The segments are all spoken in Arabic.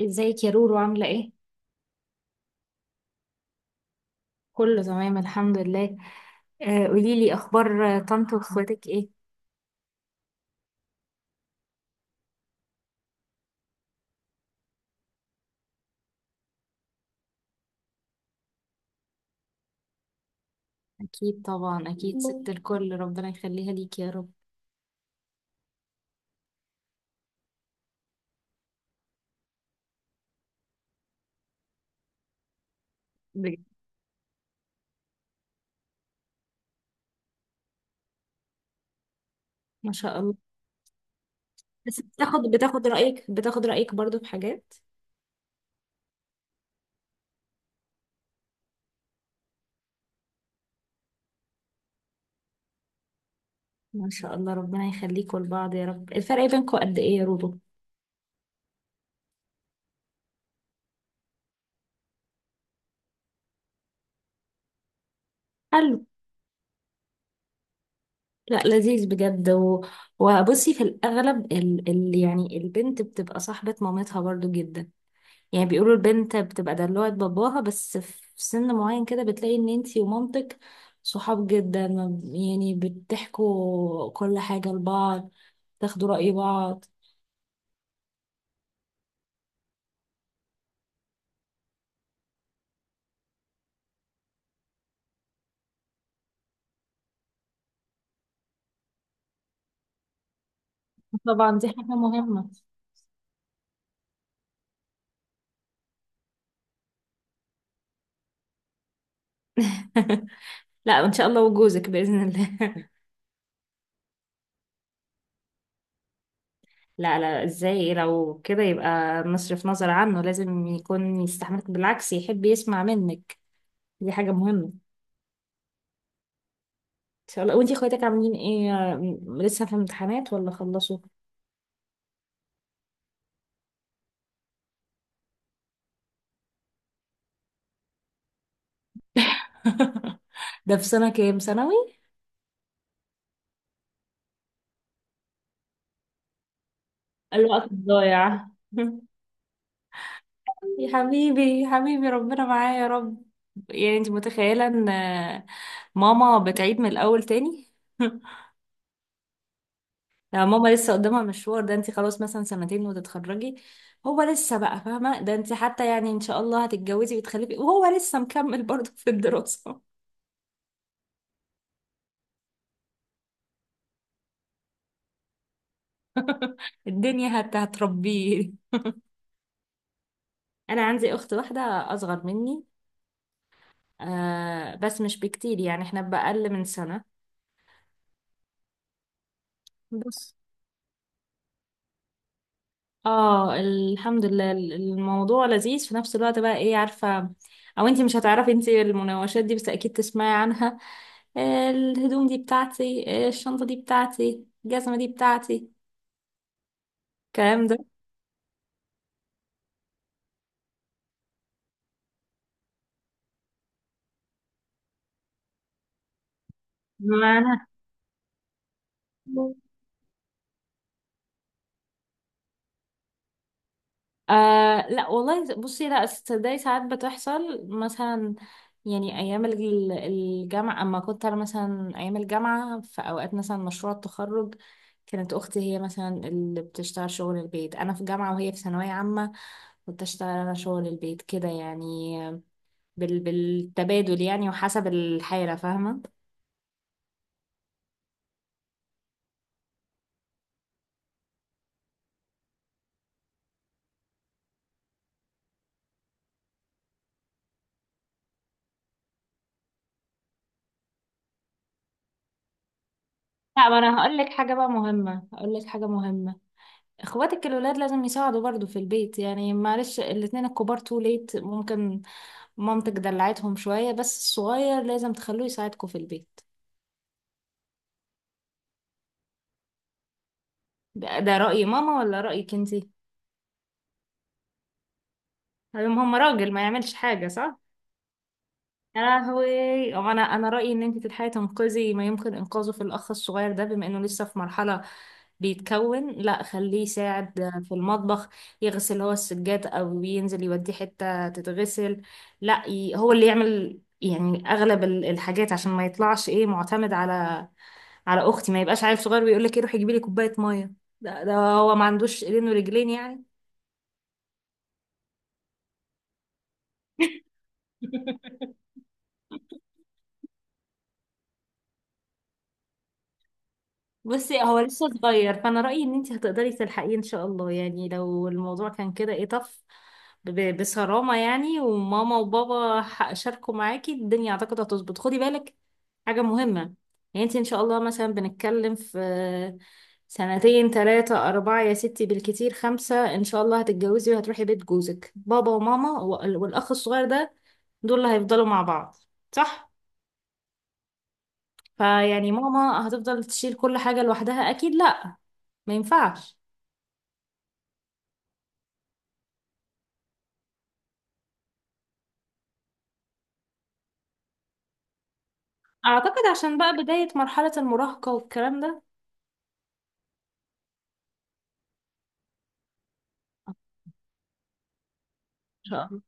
ازيك يا رورو، عاملة ايه؟ كله تمام الحمد لله. آه قوليلي اخبار، طنط واخواتك ايه؟ اكيد طبعا، اكيد ست الكل، ربنا يخليها ليك يا رب. بجد. ما شاء الله. بس بتاخد رأيك برضو في حاجات. ما شاء الله، ربنا يخليكوا لبعض يا رب. الفرق بينكوا قد ايه يا رورو؟ حلو. لا لذيذ بجد وبصي، في الاغلب يعني البنت بتبقى صاحبة مامتها برضو جدا. يعني بيقولوا البنت بتبقى دلوعة باباها، بس في سن معين كده بتلاقي ان انتي ومامتك صحاب جدا، ما ب- يعني بتحكوا كل حاجة لبعض، تاخدوا رأي بعض. طبعا دي حاجة مهمة. لا ان شاء الله، وجوزك بإذن الله. لا لا، ازاي؟ لو كده يبقى مصرف نظر عنه، لازم يكون يستحملك، بالعكس يحب يسمع منك. دي حاجة مهمة. ان شاء الله. وانتي اخواتك عاملين ايه؟ لسه في امتحانات ولا خلصوا؟ ده في سنة كام ثانوي؟ الوقت الضايع. يا حبيبي يا حبيبي، ربنا معايا يا رب. يعني انت متخيلة ان ماما بتعيد من الاول تاني؟ لا، ماما لسه قدامها مشوار. ده انت خلاص مثلا سنتين وتتخرجي، هو لسه، بقى فاهمة؟ ده انت حتى يعني ان شاء الله هتتجوزي وتخلفي وهو لسه مكمل برضه في الدراسة. الدنيا هتربيه. انا عندي اخت واحدة اصغر مني. آه بس مش بكتير، يعني احنا بأقل من سنة. بس. اه الحمد لله، الموضوع لذيذ في نفس الوقت بقى، ايه عارفة؟ او انتي مش هتعرفي انتي، المناوشات دي بس اكيد تسمعي عنها. الهدوم دي بتاعتي، الشنطة دي بتاعتي، الجزمة دي بتاعتي، الكلام ده. معنى، آه لا والله. بصي، لا تصدقي، ساعات بتحصل مثلا. يعني ايام الجامعه، اما كنت انا مثلا ايام الجامعه في اوقات مثلا مشروع التخرج، كانت اختي هي مثلا اللي بتشتغل شغل البيت، انا في جامعه وهي في ثانويه عامه، كنت اشتغل انا شغل البيت كده يعني. بالتبادل يعني، وحسب الحاله، فاهمه. لا، ما انا هقول لك حاجه بقى مهمه، هقول لك حاجه مهمه. اخواتك الولاد لازم يساعدوا برضو في البيت يعني، معلش الاتنين الكبار تو ليت ممكن مامتك دلعتهم شوية، بس الصغير لازم تخلوه يساعدكم في البيت. ده رأي ماما ولا رأيك انتي؟ هم راجل ما يعملش حاجة. يا لهوي. هو انا رايي ان انت تلحقي تنقذي ما يمكن انقاذه في الاخ الصغير ده، بما انه لسه في مرحله بيتكون. لا خليه يساعد في المطبخ، يغسل هو السجاد او ينزل يوديه حته تتغسل. لا ي... هو اللي يعمل يعني اغلب الحاجات، عشان ما يطلعش ايه معتمد على اختي. ما يبقاش عيل صغير بيقول لك ايه، روحي جيبي لي كوبايه ميه. ده هو ما عندوش ايدين ورجلين يعني؟ بصي هو لسه صغير، فانا رايي ان انت هتقدري تلحقيه ان شاء الله. يعني لو الموضوع كان كده ايه طف، بصرامه يعني، وماما وبابا شاركوا معاكي الدنيا، اعتقد هتظبط. خدي بالك، حاجه مهمه. يعني انت ان شاء الله مثلا بنتكلم في سنتين ثلاثة أربعة يا ستي، بالكتير خمسة، إن شاء الله هتتجوزي وهتروحي بيت جوزك. بابا وماما والأخ الصغير ده، دول اللي هيفضلوا مع بعض. صح؟ فيعني ماما هتفضل تشيل كل حاجة لوحدها؟ أكيد لأ، ما ينفعش. أعتقد عشان بقى بداية مرحلة المراهقة والكلام ده. إن شاء الله.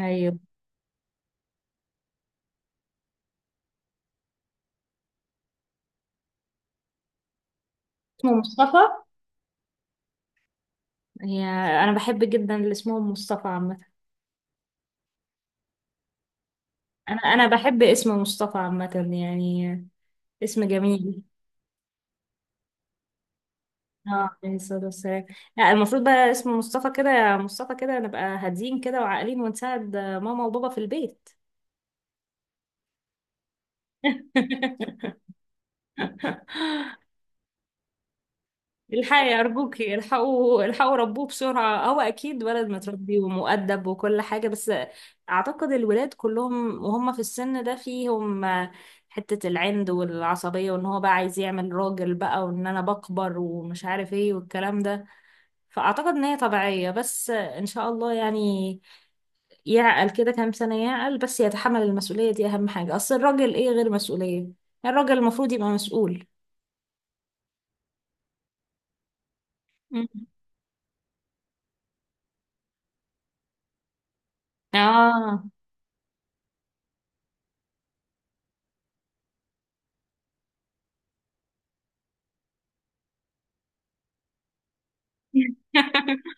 أيوه. اسمه مصطفى. هي. أنا بحب جدا اللي اسمه مصطفى عامة. أنا بحب اسم مصطفى عامة يعني، اسم جميل. اه، عليه الصلاة والسلام. لا المفروض بقى، اسم مصطفى كده مصطفى كده، نبقى هاديين كده وعاقلين، ونساعد ماما وبابا في البيت. الحقي أرجوكي، الحقوا الحقوا، ربوه بسرعة. هو أكيد ولد متربي ومؤدب وكل حاجة، بس أعتقد الولاد كلهم وهم في السن ده فيهم حتة العند والعصبية، وإن هو بقى عايز يعمل راجل بقى، وإن أنا بكبر ومش عارف إيه والكلام ده. فأعتقد إن هي طبيعية، بس إن شاء الله يعني يعقل كده كام سنة، يعقل بس يتحمل المسؤولية دي، أهم حاجة. أصل الراجل إيه غير مسؤولية؟ الراجل المفروض يبقى مسؤول. مم. آه.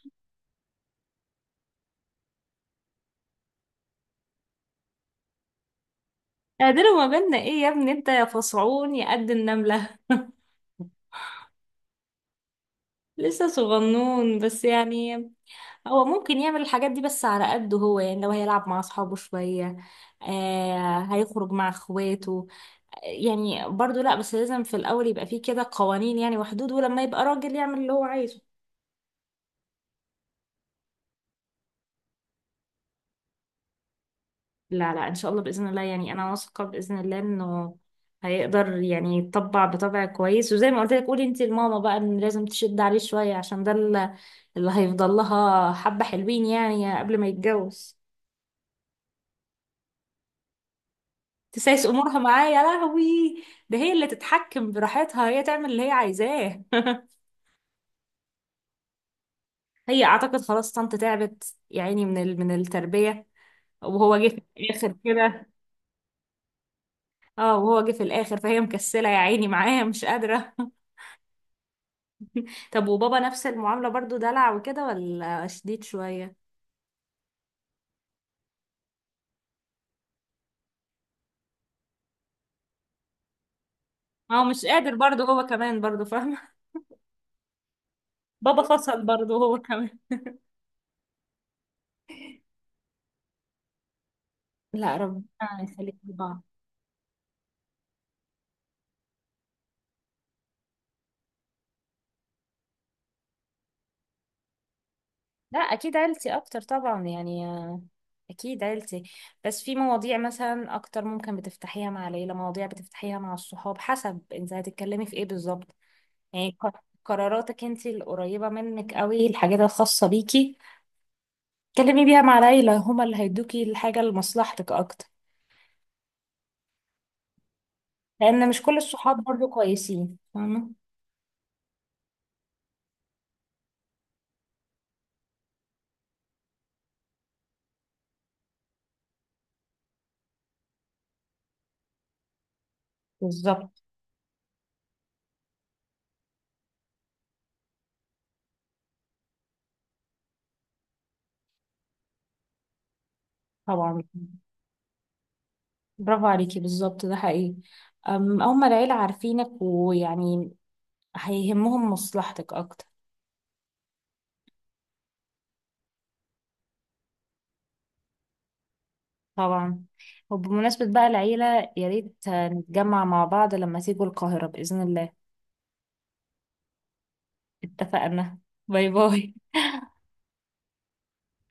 قادر مجالنا ايه يا ابني انت يا فصعون يا قد النملة؟ لسه صغنون بس يعني. هو ممكن يعمل الحاجات دي بس على قده هو يعني، لو هيلعب مع اصحابه شوية آه، هيخرج مع اخواته، يعني برضو لا، بس لازم في الاول يبقى فيه كده قوانين يعني وحدود، ولما يبقى راجل يعمل اللي هو عايزه. لا لا ان شاء الله باذن الله، يعني انا واثقه باذن الله انه هيقدر يعني يطبع بطبع كويس. وزي ما قلت لك، قولي انت لماما بقى ان لازم تشد عليه شويه، عشان ده اللي هيفضل لها. حبه حلوين يعني قبل ما يتجوز. تسايس امورها معاه؟ يا لهوي. ده هي اللي تتحكم براحتها، هي تعمل اللي هي عايزاه. هي اعتقد خلاص طنط تعبت يا عيني من من التربيه، وهو جه في الاخر كده. اه وهو جه في الاخر، فهي مكسله يا عيني معاه مش قادره. طب وبابا نفس المعاملة برضو، دلع وكده ولا شديد شوية؟ هو مش قادر برضه هو كمان برضه، فاهمة. بابا فصل برضه هو كمان. لا رب آه يخليك لبعض. لا اكيد عيلتي اكتر طبعا يعني، اكيد عيلتي. بس في مواضيع مثلا اكتر ممكن بتفتحيها مع العيله، مواضيع بتفتحيها مع الصحاب، حسب انت هتتكلمي في ايه بالظبط. يعني قراراتك انت القريبه منك قوي، الحاجات الخاصه بيكي، اتكلمي بيها مع العيله، هما اللي هيدوكي الحاجه لمصلحتك اكتر، لان مش كل الصحاب برضو كويسين، فاهمه. بالظبط. طبعا. برافو عليكي، بالظبط ده حقيقي. أم، أول ما العيلة عارفينك، ويعني هيهمهم مصلحتك أكتر. طبعا. وبمناسبة بقى العيلة، يا ريت نتجمع مع بعض لما تيجوا القاهرة بإذن الله. اتفقنا. باي باي.